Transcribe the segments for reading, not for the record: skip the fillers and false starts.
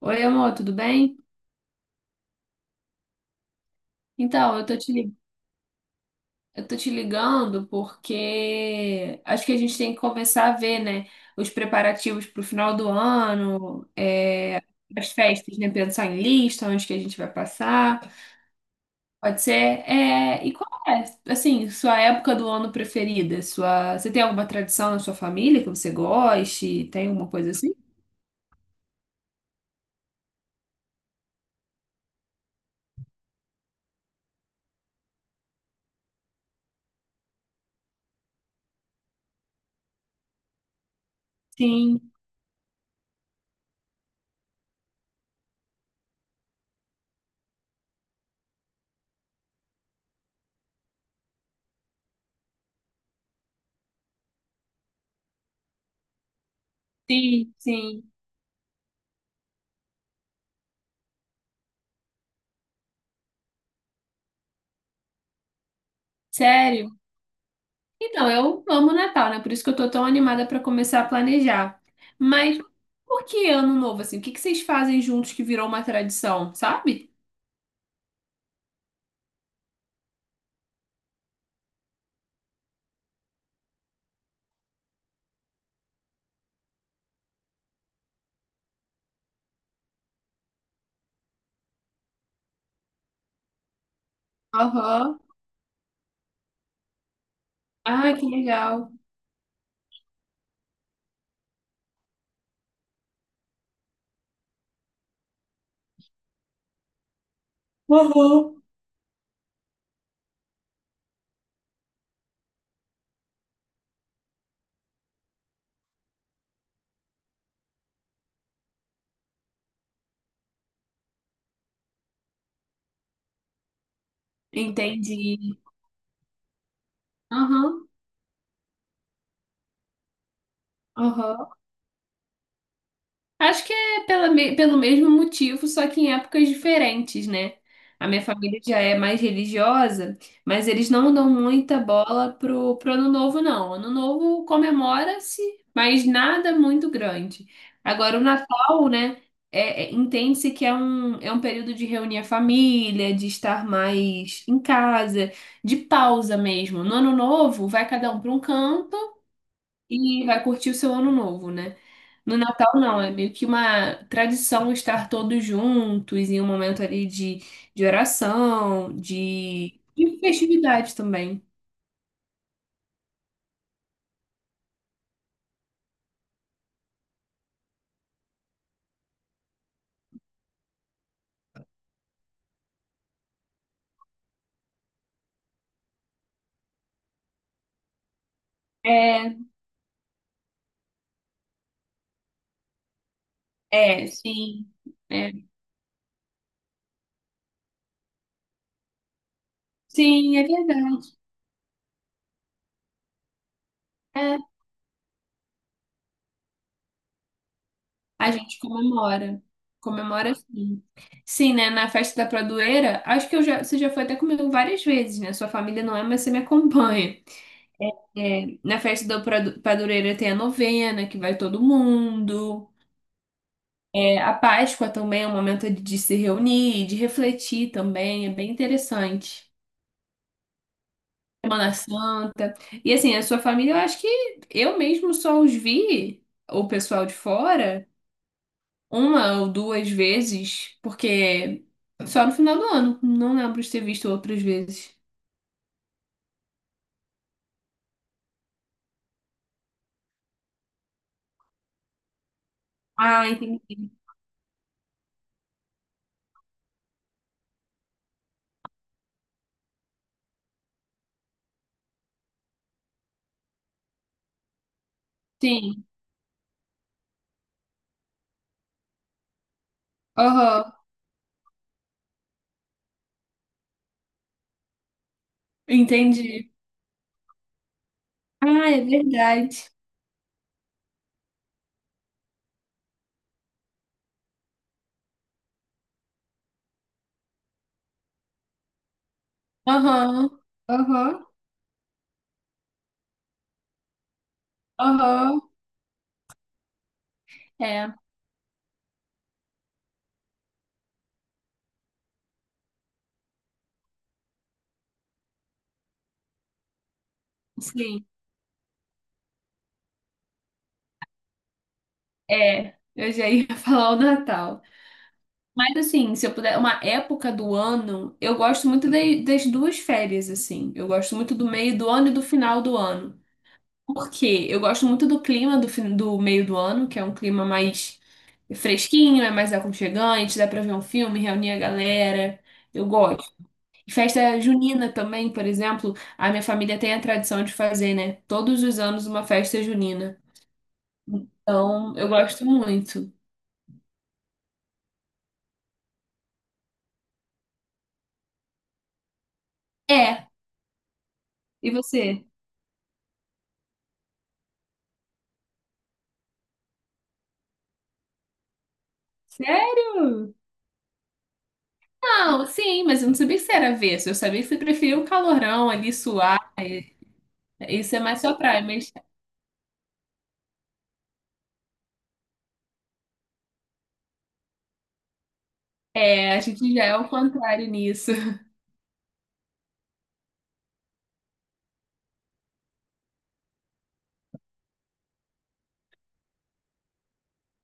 Oi, amor, tudo bem? Então, eu tô te ligando porque acho que a gente tem que começar a ver, né, os preparativos pro final do ano, as festas, né, pensar em lista, onde que a gente vai passar, pode ser. É, e qual é, assim, sua época do ano preferida? Sua, você tem alguma tradição na sua família que você goste? Tem alguma coisa assim? Sim, sim, sim. Sério? Então, eu amo Natal, né? Por isso que eu tô tão animada pra começar a planejar. Mas por que ano novo, assim? O que que vocês fazem juntos que virou uma tradição, sabe? Aham. Ah, que legal. Aham. Entendi. Aham. Aham. Acho que é pelo mesmo motivo, só que em épocas diferentes, né? A minha família já é mais religiosa, mas eles não dão muita bola pro Ano Novo, não. Ano Novo comemora-se, mas nada muito grande. Agora, o Natal, né? Entende-se que é é um período de reunir a família, de estar mais em casa, de pausa mesmo. No Ano Novo, vai cada um para um canto e vai curtir o seu ano novo, né? No Natal, não, é meio que uma tradição estar todos juntos em um momento ali de oração, de festividade também. É, é, sim. É. Sim, é verdade. É, a gente comemora. Comemora sim. Sim, né? Na festa da Pradoeira, acho que você já foi até comigo várias vezes, né? Sua família não é, mas você me acompanha. É, na festa da Pradoeira tem a novena, que vai todo mundo. É, a Páscoa também é um momento de se reunir, de refletir também, é bem interessante. Semana Santa. E assim, a sua família, eu acho que eu mesmo só os vi, o pessoal de fora, uma ou duas vezes, porque só no final do ano. Não lembro de ter visto outras vezes. Ah, entendi. Sim. Aham. Entendi. Ah, é verdade. Aham. Aham. Aham. É, sim. É. Eu já ia falar o Natal. Mas assim, se eu puder, uma época do ano, eu gosto muito das duas férias, assim. Eu gosto muito do meio do ano e do final do ano. Por quê? Eu gosto muito do clima do meio do ano, que é um clima mais fresquinho, é mais aconchegante, dá pra ver um filme, reunir a galera. Eu gosto. E festa junina também, por exemplo, a minha família tem a tradição de fazer, né? Todos os anos uma festa junina. Então, eu gosto muito. É. E você? Sério? Não, sim, mas eu não sabia que você era avesso. Eu sabia que você preferia o calorão ali, suar. Isso é mais sua praia, mas é, a gente já é o contrário nisso.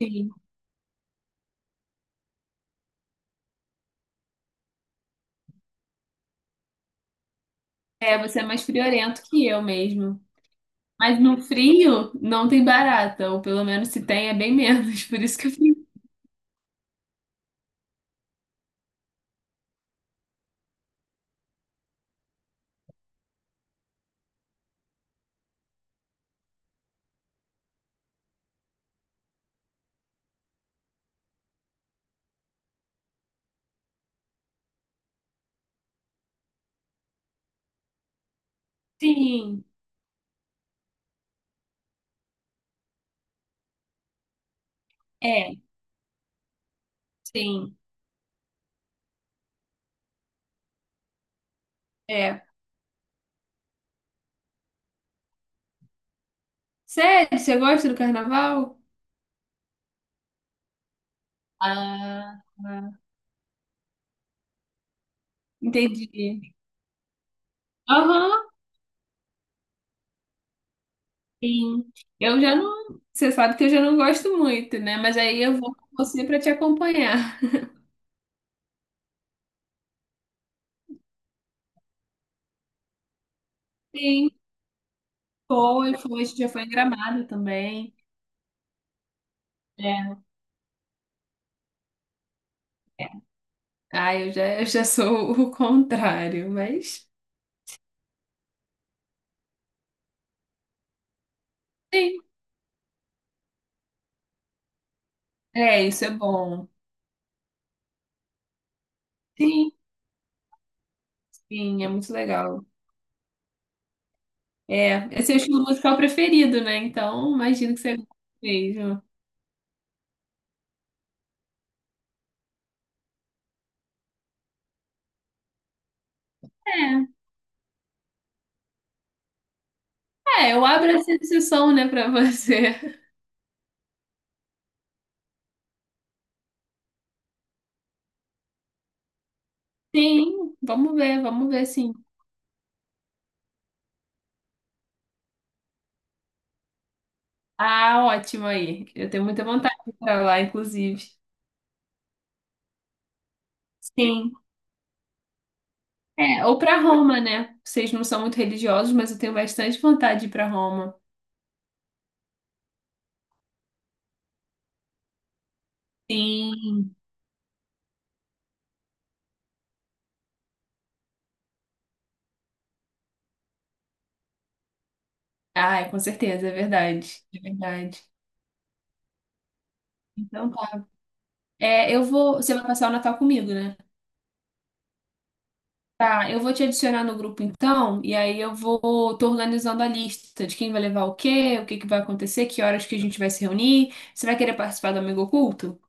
Sim. É, você é mais friorento que eu mesmo. Mas no frio não tem barata, ou pelo menos se tem é bem menos, por isso que eu fico. Sim, é, sim, é. Sério, você gosta do carnaval? Ah, entendi. Aham, sim. Eu já não. Você sabe que eu já não gosto muito, né? Mas aí eu vou com você para te acompanhar. Sim, foi, já foi em Gramado também. É. É. Ah, eu já sou o contrário, mas sim, é, isso é bom. Sim, sim, é muito legal. É, esse é o estilo musical preferido, né? Então, imagino que você goste mesmo. É, é, eu abro essa exceção, né, pra você. Sim, vamos ver, sim. Ah, ótimo aí. Eu tenho muita vontade de ir pra lá, inclusive. Sim. É, ou pra Roma, né? Vocês não são muito religiosos, mas eu tenho bastante vontade de ir pra Roma. Sim. Ah, com certeza, é verdade. É verdade. Então tá. É, eu vou. Você vai passar o Natal comigo, né? Tá, eu vou te adicionar no grupo então, e aí eu vou. Tô organizando a lista de quem vai levar o quê, o que que vai acontecer, que horas que a gente vai se reunir. Você vai querer participar do Amigo Oculto?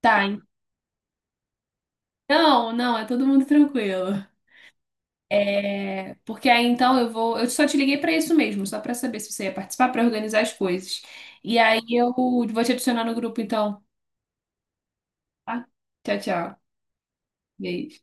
Tá, então, não, é todo mundo tranquilo. É, porque aí então eu vou. Eu só te liguei para isso mesmo, só para saber se você ia participar, para organizar as coisas. E aí eu vou te adicionar no grupo, então. Tá? Tchau, tchau. Beijo.